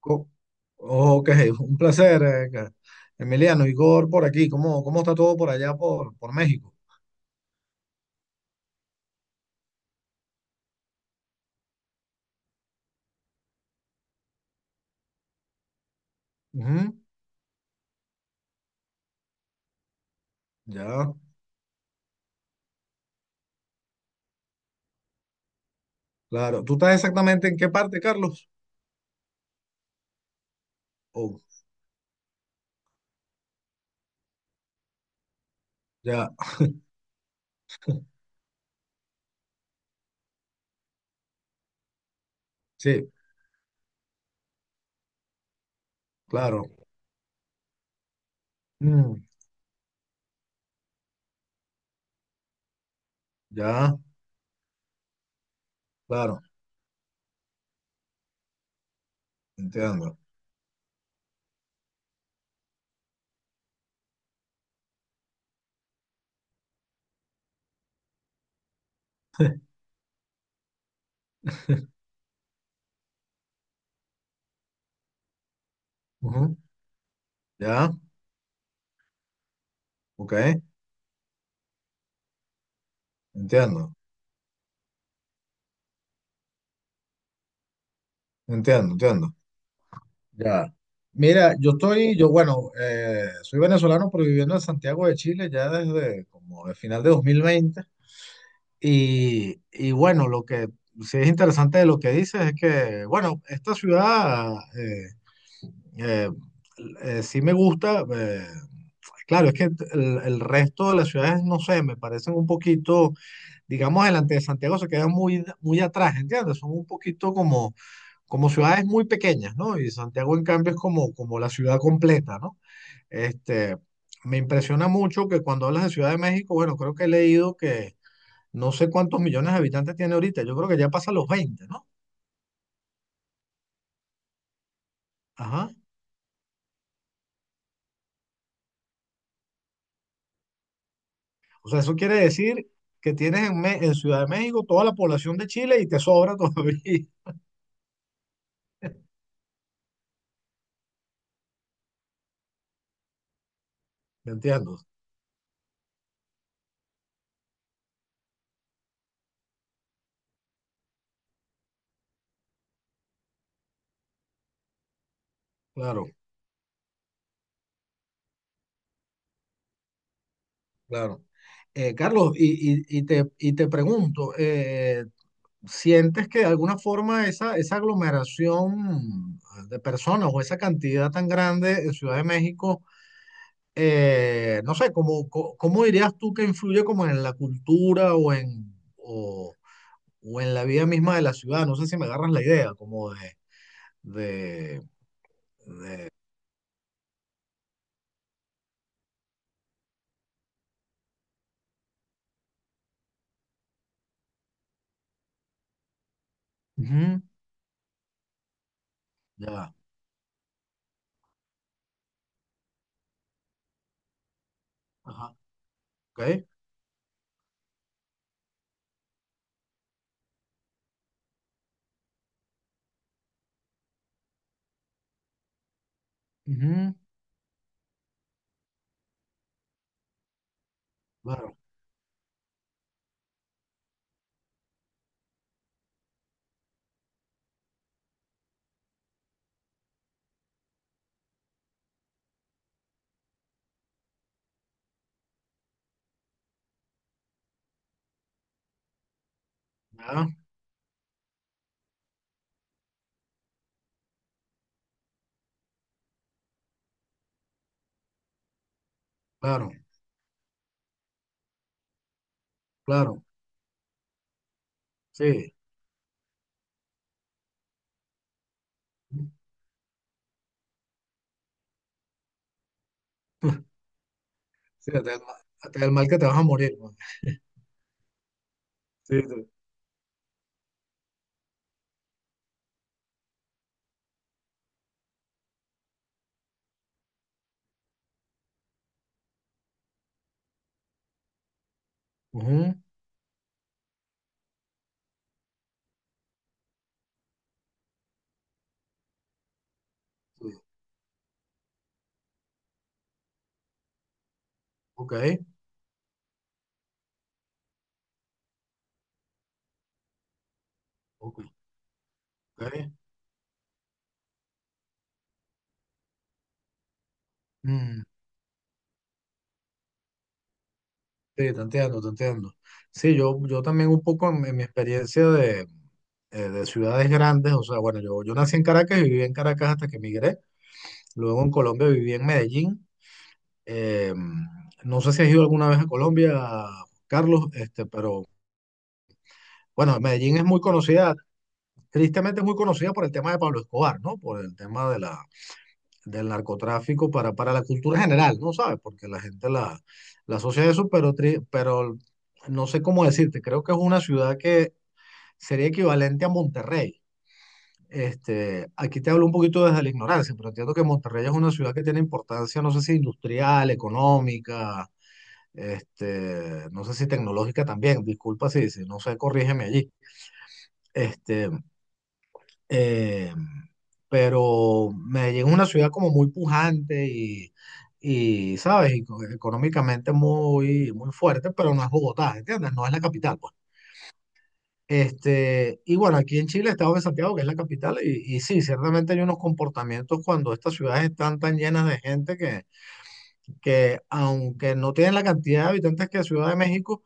Co- Ok, un placer, Emiliano, Igor, por aquí. ¿Cómo está todo por allá, por México? Ujú. Ya, claro. ¿Tú estás exactamente en qué parte, Carlos? Oh, ya, sí, claro. Mm, ya, claro, entiendo. Ujú. Ya, ok, entiendo, entiendo, entiendo. Ya. Mira, yo bueno, soy venezolano, pero viviendo en Santiago de Chile ya desde como el final de 2020. Y bueno, lo que sí es interesante de lo que dices es que, bueno, esta ciudad eh, sí me gusta. Claro, es que el resto de las ciudades, no sé, me parecen un poquito, digamos, delante de Santiago se quedan muy, muy atrás, ¿entiendes? Son un poquito como, como ciudades muy pequeñas, ¿no? Y Santiago, en cambio, es como, como la ciudad completa, ¿no? Este, me impresiona mucho que cuando hablas de Ciudad de México, bueno, creo que he leído que no sé cuántos millones de habitantes tiene ahorita, yo creo que ya pasa los 20, ¿no? Ajá. O sea, eso quiere decir que tienes en, en Ciudad de México toda la población de Chile y te sobra todavía. ¿Me entiendo? Claro, claro. Carlos, y te pregunto, ¿sientes que de alguna forma esa, esa aglomeración de personas o esa cantidad tan grande en Ciudad de México, no sé, ¿cómo, cómo dirías tú que influye como en la cultura o en... o en la vida misma de la ciudad, no sé si me agarras la idea, como de, ujú, ya, ajá, ok, ujú, claro, ya, claro, claro, sí, sí, hasta el, hasta el mal que te vas a morir, man. Sí, sí, ujú, sí, ok, ok, ok, mm, sí, te entiendo, te entiendo. Sí, yo también un poco en mi experiencia de ciudades grandes, o sea, bueno, yo nací en Caracas y viví en Caracas hasta que emigré, luego en Colombia viví en Medellín. Eh, no sé si has ido alguna vez a Colombia, Carlos, este, pero bueno, Medellín es muy conocida, tristemente es muy conocida por el tema de Pablo Escobar, ¿no? Por el tema de la, del narcotráfico para la cultura general, ¿no sabes? Porque la gente la, la asocia a eso, pero, pero no sé cómo decirte, creo que es una ciudad que sería equivalente a Monterrey. Este, aquí te hablo un poquito desde la ignorancia, pero entiendo que Monterrey es una ciudad que tiene importancia, no sé si industrial, económica, este, no sé si tecnológica también, disculpa si, si no sé, corrígeme allí. Este, eh, pero Medellín es una ciudad como muy pujante y ¿sabes? Y económicamente muy, muy fuerte, pero no es Bogotá, ¿entiendes? No es la capital, pues. Este, y bueno, aquí en Chile, Estado de Santiago, que es la capital, y sí, ciertamente hay unos comportamientos cuando estas ciudades están tan llenas de gente que aunque no tienen la cantidad de habitantes que Ciudad de México,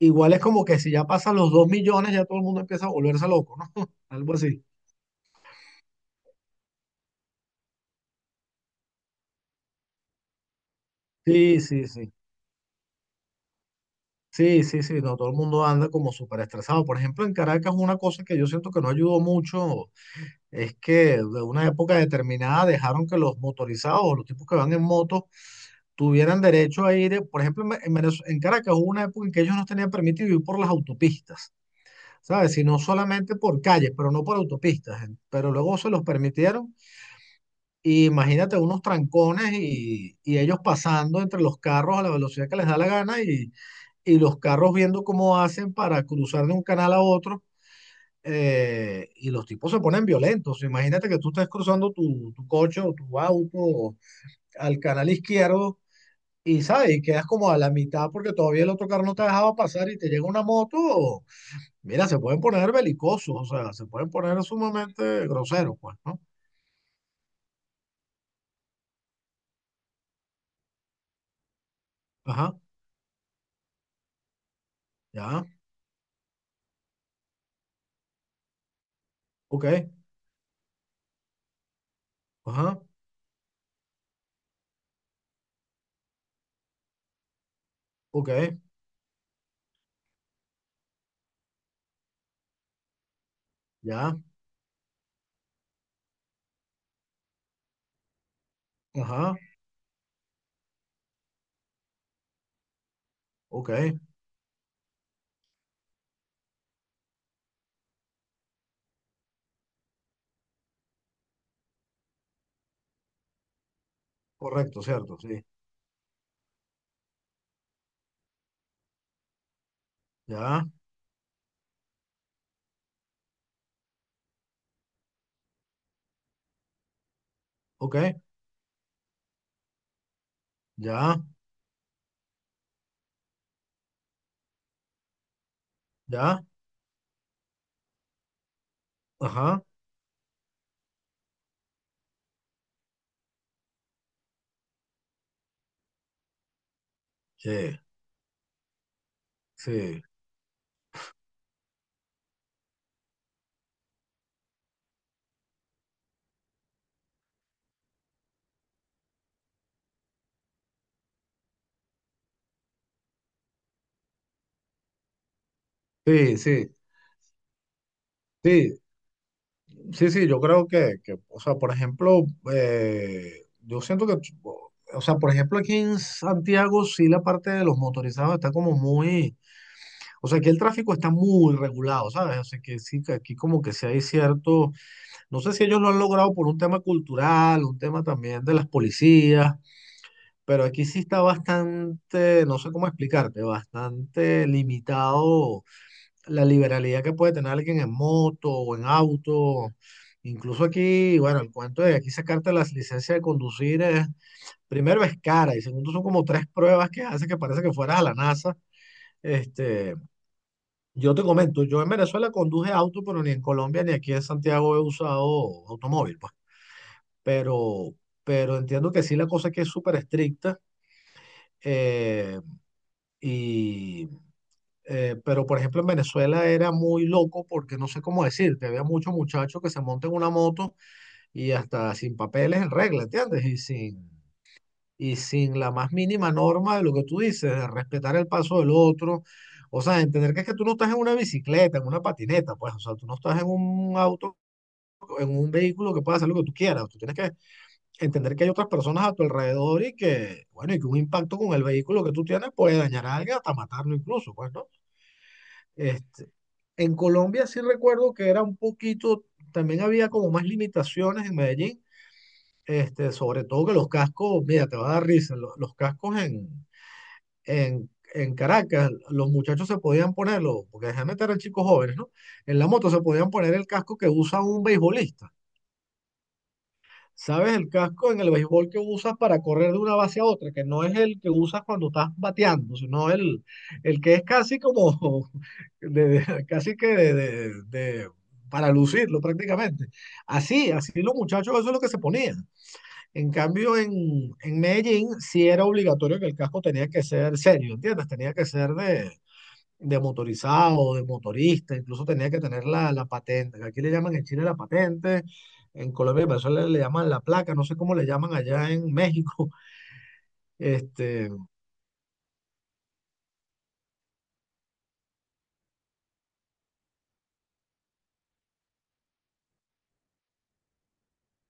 igual es como que si ya pasan los 2 millones, ya todo el mundo empieza a volverse loco, ¿no? Algo así. Sí, sí, sí. Sí, sí, sí. No, todo el mundo anda como súper estresado. Por ejemplo, en Caracas, una cosa que yo siento que no ayudó mucho es que de una época determinada dejaron que los motorizados o los tipos que van en moto tuvieran derecho a ir. Por ejemplo, en, en en Caracas hubo una época en que ellos no tenían permitido ir por las autopistas, ¿sabes? Sino solamente por calles, pero no por autopistas. Pero luego se los permitieron. Y imagínate unos trancones y ellos pasando entre los carros a la velocidad que les da la gana y los carros viendo cómo hacen para cruzar de un canal a otro. Y los tipos se ponen violentos. Imagínate que tú estés cruzando tu, tu coche o tu auto al canal izquierdo y, ¿sabes? Y quedas como a la mitad porque todavía el otro carro no te dejaba pasar y te llega una moto. Mira, se pueden poner belicosos, o sea, se pueden poner sumamente groseros, pues, ¿no? Ajá, ya, ok, ajá, ok. Ya, ajá, ok, correcto, cierto, sí. Ya, ok, ya, ya, ajá, sí, sí, sí, sí, sí, sí, sí, yo creo que, o sea, por ejemplo, yo siento que, o sea, por ejemplo, aquí en Santiago sí la parte de los motorizados está como muy, o sea, aquí el tráfico está muy regulado, ¿sabes? O sea, que sí, que aquí como que sí hay cierto, no sé si ellos lo han logrado por un tema cultural, un tema también de las policías. Pero aquí sí está bastante, no sé cómo explicarte, bastante limitado la liberalidad que puede tener alguien en moto o en auto. Incluso aquí, bueno, el cuento de aquí sacarte las licencias de conducir es, primero es cara y segundo son como tres pruebas que hace que parece que fueras a la NASA. Este, yo te comento, yo en Venezuela conduje auto, pero ni en Colombia ni aquí en Santiago he usado automóvil, pues. Pero, pero entiendo que sí la cosa aquí es súper estricta. Eh, Y, pero por ejemplo en Venezuela era muy loco porque no sé cómo decirte, había muchos muchachos que se montan en una moto y hasta sin papeles en regla, ¿entiendes? Y sin la más mínima norma de lo que tú dices, de respetar el paso del otro. O sea, entender que es que tú no estás en una bicicleta, en una patineta, pues, o sea, tú no estás en un auto, en un vehículo que pueda hacer lo que tú quieras. Tú tienes que entender que hay otras personas a tu alrededor y que, bueno, y que un impacto con el vehículo que tú tienes puede dañar a alguien hasta matarlo incluso, pues, ¿no? Este, en Colombia sí recuerdo que era un poquito, también había como más limitaciones en Medellín, este, sobre todo que los cascos, mira, te va a dar risa, los, cascos en Caracas, los muchachos se podían ponerlo, porque generalmente eran chicos jóvenes, ¿no? En la moto se podían poner el casco que usa un beisbolista. ¿Sabes? El casco en el béisbol que usas para correr de una base a otra, que no es el que usas cuando estás bateando, sino el que es casi como, casi que de, para lucirlo prácticamente. Así, así los muchachos, eso es lo que se ponía. En cambio, en Medellín sí era obligatorio que el casco tenía que ser serio, ¿entiendes? Tenía que ser de motorizado, de motorista, incluso tenía que tener la, la patente, que aquí le llaman en Chile la patente, en Colombia y Venezuela le llaman la placa, no sé cómo le llaman allá en México. Este,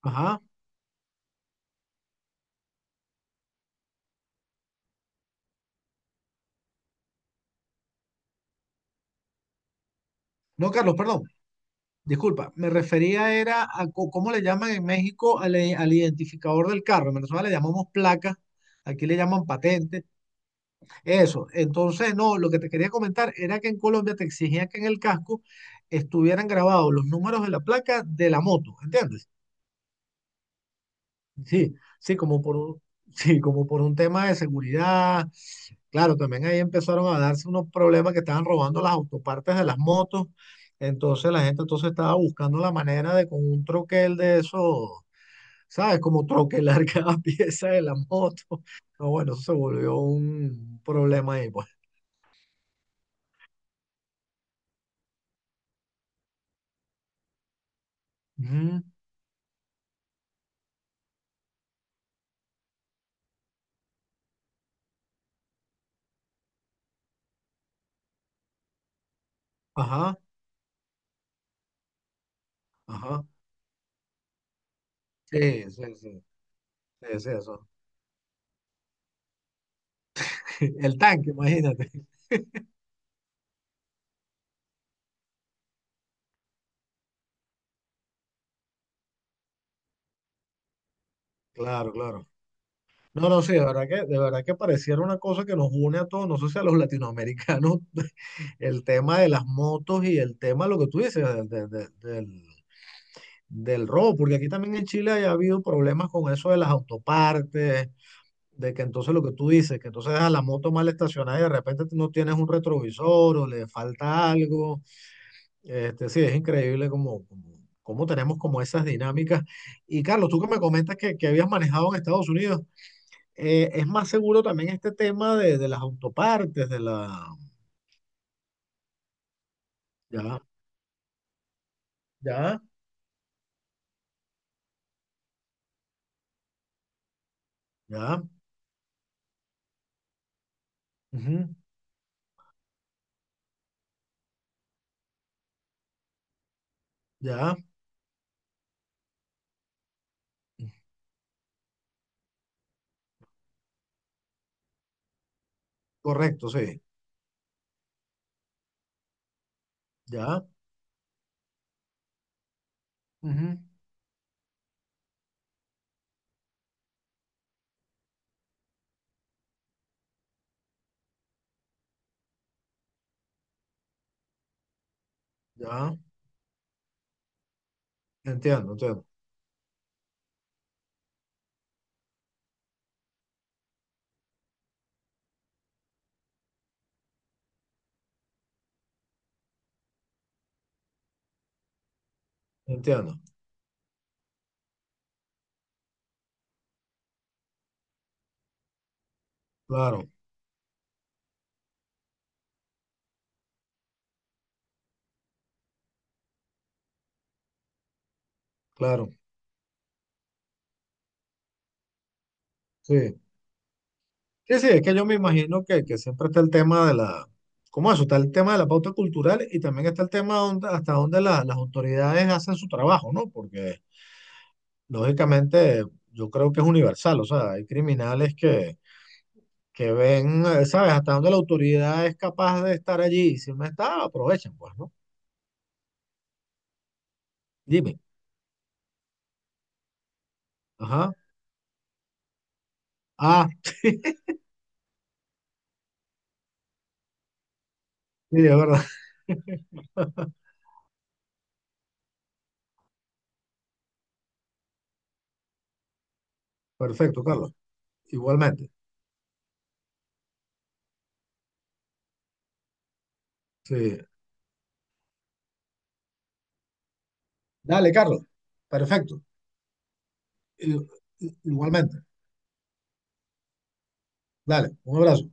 ajá. No, Carlos, perdón, disculpa, me refería era a cómo le llaman en México al, al identificador del carro, en Venezuela le llamamos placa. Aquí le llaman patente, eso. Entonces, no, lo que te quería comentar era que en Colombia te exigían que en el casco estuvieran grabados los números de la placa de la moto, ¿entiendes? Sí, sí, como por un, sí, como por un tema de seguridad. Claro, también ahí empezaron a darse unos problemas que estaban robando las autopartes de las motos. Entonces la gente entonces estaba buscando la manera de con un troquel de eso, ¿sabes? Como troquelar cada pieza de la moto. No, bueno, eso se volvió un problema ahí, pues. Ujú, ajá, ajá. Sí, sí, sí. Sí, sí, eso. El tanque, imagínate. Claro, claro. No, no, sí, de verdad que pareciera una cosa que nos une a todos, no sé si a los latinoamericanos, el tema de las motos y el tema, lo que tú dices, del, del robo, porque aquí también en Chile haya habido problemas con eso de las autopartes, de que entonces lo que tú dices, que entonces dejas la moto mal estacionada y de repente tú no tienes un retrovisor o le falta algo. Este, sí, es increíble como, como, cómo tenemos como esas dinámicas. Y Carlos, tú que me comentas que habías manejado en Estados Unidos es más seguro también este tema de las autopartes, de la... Ya, ya, ya, ujú, ya, correcto, sí, ya, ujú, ya, entiendo, entiendo, entiendo, claro, claro, sí. Sí, sí, es que yo me imagino que siempre está el tema de la... ¿Cómo eso? Está el tema de la pauta cultural y también está el tema hasta donde las autoridades hacen su trabajo, ¿no? Porque lógicamente yo creo que es universal, o sea, hay criminales que ven, ¿sabes? Hasta dónde la autoridad es capaz de estar allí. Si no está, aprovechan, pues, ¿no? Dime. Ajá. Ah, sí, es verdad. Perfecto, Carlos. Igualmente. Sí. Dale, Carlos. Perfecto. I- Igualmente. Dale, un abrazo.